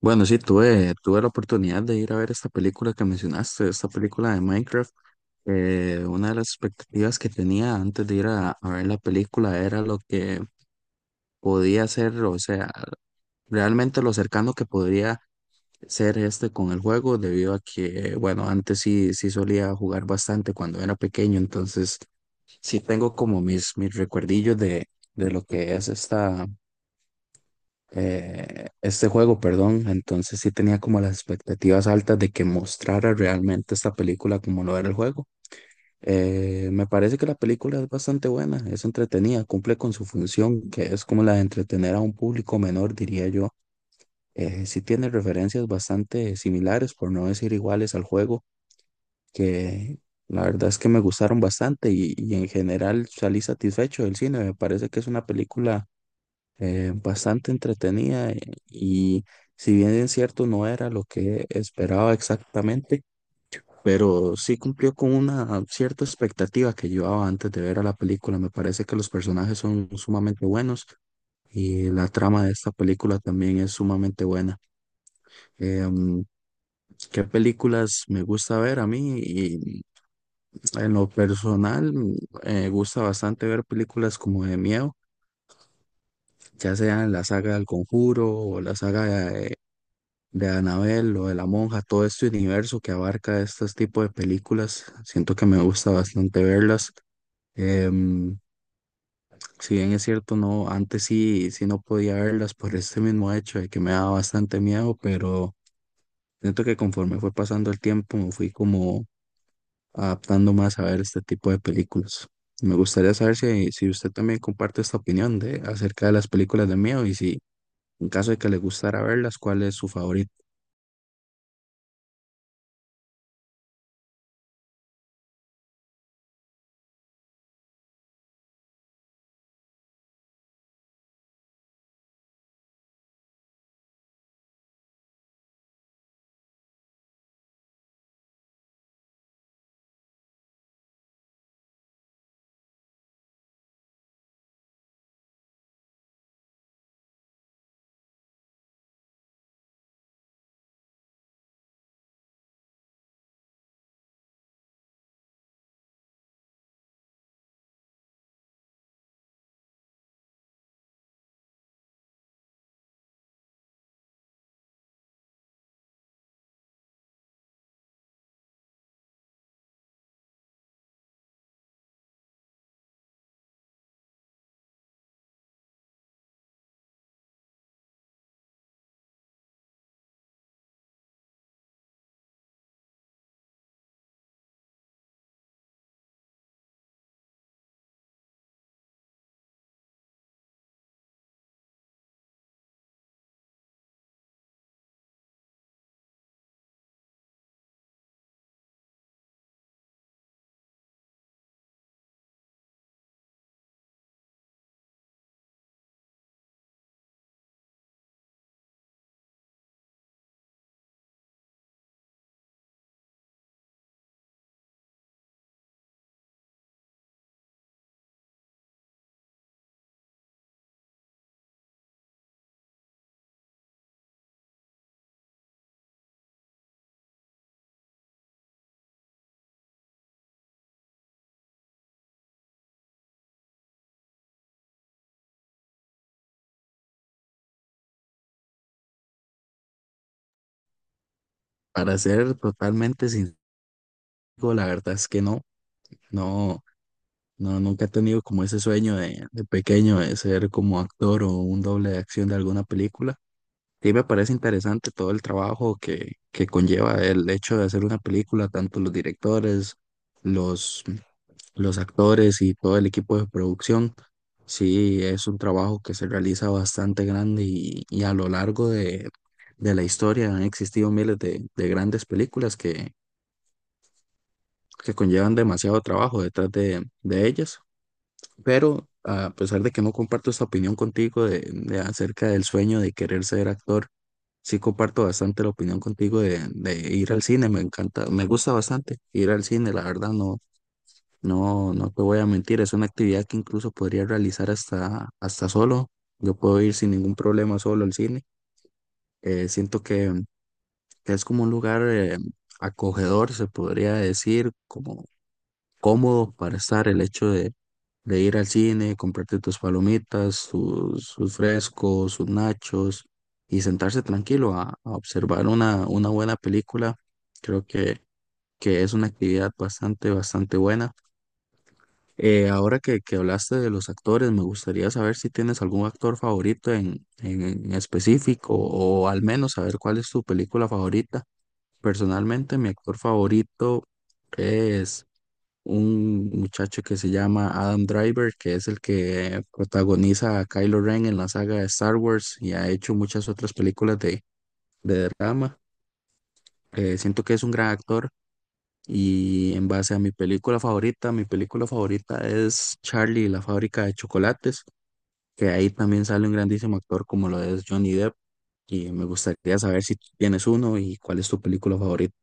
Bueno, sí, tuve la oportunidad de ir a ver esta película que mencionaste, esta película de Minecraft. Una de las expectativas que tenía antes de ir a ver la película era lo que podía ser, o sea, realmente lo cercano que podría ser este con el juego, debido a que, bueno, antes sí solía jugar bastante cuando era pequeño, entonces sí tengo como mis recuerdillos de lo que es esta este juego, perdón, entonces sí tenía como las expectativas altas de que mostrara realmente esta película como lo era el juego. Me parece que la película es bastante buena, es entretenida, cumple con su función, que es como la de entretener a un público menor, diría yo. Sí tiene referencias bastante similares, por no decir iguales al juego, que la verdad es que me gustaron bastante y en general salí satisfecho del cine. Me parece que es una película bastante entretenida, y si bien es cierto no era lo que esperaba exactamente, pero sí cumplió con una cierta expectativa que llevaba antes de ver a la película. Me parece que los personajes son sumamente buenos y la trama de esta película también es sumamente buena. Em, ¿Qué películas me gusta ver a mí? Y en lo personal, me gusta bastante ver películas como de miedo, ya sea en la saga del Conjuro o la saga de Annabelle o de La Monja, todo este universo que abarca estos tipos de películas, siento que me gusta bastante verlas. Em, si bien es cierto, no, antes sí no podía verlas por este mismo hecho de que me daba bastante miedo, pero siento que conforme fue pasando el tiempo me fui como adaptando más a ver este tipo de películas. Me gustaría saber si, si usted también comparte esta opinión de, acerca de las películas de miedo y si en caso de que le gustara verlas, ¿cuál es su favorito? Para ser totalmente sincero, la verdad es que no, no, nunca he tenido como ese sueño de pequeño de ser como actor o un doble de acción de alguna película. Sí me parece interesante todo el trabajo que conlleva el hecho de hacer una película, tanto los directores, los los actores y todo el equipo de producción. Sí, es un trabajo que se realiza bastante grande y a lo largo de la historia han existido miles de grandes películas que conllevan demasiado trabajo detrás de ellas. Pero a pesar de que no comparto esta opinión contigo de acerca del sueño de querer ser actor, sí comparto bastante la opinión contigo de ir al cine. Me encanta, me gusta bastante ir al cine, la verdad, no, no, no te voy a mentir, es una actividad que incluso podría realizar hasta solo. Yo puedo ir sin ningún problema solo al cine. Siento que es como un lugar acogedor, se podría decir, como cómodo para estar el hecho de ir al cine, comprarte tus palomitas, tus, sus frescos, sus nachos y sentarse tranquilo a observar una buena película. Creo que es una actividad bastante, bastante buena. Ahora que hablaste de los actores, me gustaría saber si tienes algún actor favorito en específico o al menos saber cuál es tu película favorita. Personalmente, mi actor favorito es un muchacho que se llama Adam Driver, que es el que protagoniza a Kylo Ren en la saga de Star Wars y ha hecho muchas otras películas de drama. Siento que es un gran actor. Y en base a mi película favorita es Charlie y la fábrica de chocolates, que ahí también sale un grandísimo actor como lo es Johnny Depp. Y me gustaría saber si tú tienes uno y cuál es tu película favorita.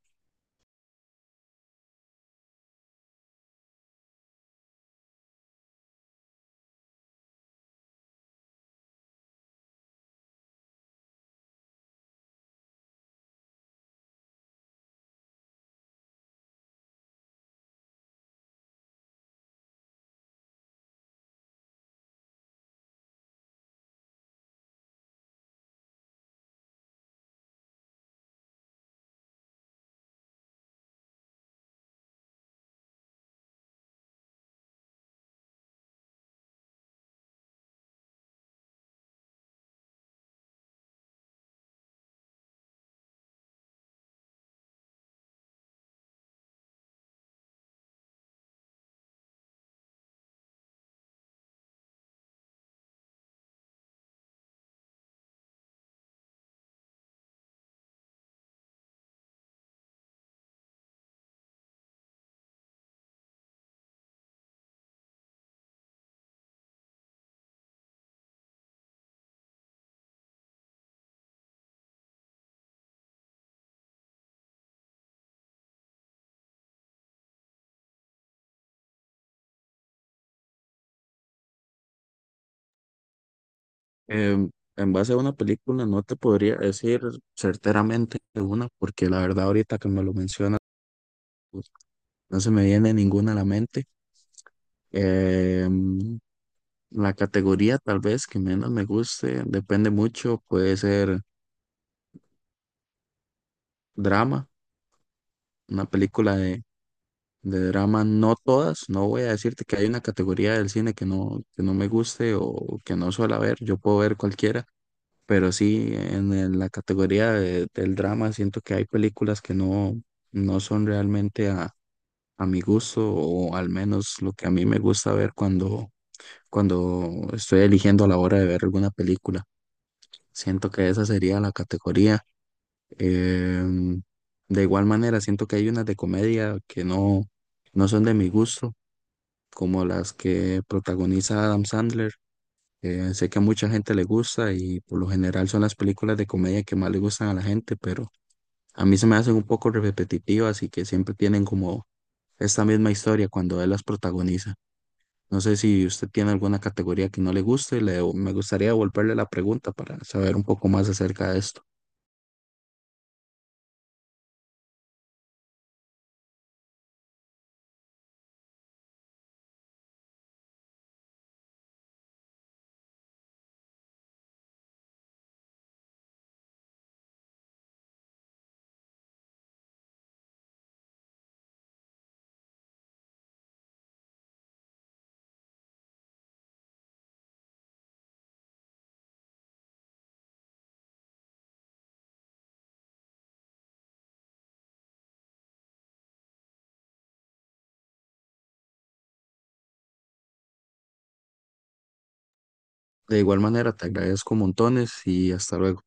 Em, en base a una película no te podría decir certeramente una, porque la verdad ahorita que me lo mencionas, pues, no se me viene ninguna a la mente. Em, la categoría tal vez que menos me guste, depende mucho, puede ser drama, una película de drama, no todas, no voy a decirte que hay una categoría del cine que no me guste o que no suelo ver, yo puedo ver cualquiera, pero sí en, el- la categoría de- del drama siento que hay películas que no, no son realmente a mi gusto o al menos lo que a mí me gusta ver cuando, cuando estoy eligiendo a la hora de ver alguna película. Siento que esa sería la categoría. Em, de igual manera, siento que hay unas de comedia que no, no son de mi gusto, como las que protagoniza Adam Sandler. Sé que a mucha gente le gusta y por lo general son las películas de comedia que más le gustan a la gente, pero a mí se me hacen un poco repetitivas y que siempre tienen como esta misma historia cuando él las protagoniza. No sé si usted tiene alguna categoría que no le guste, le, me gustaría devolverle la pregunta para saber un poco más acerca de esto. De igual manera, te agradezco montones y hasta luego.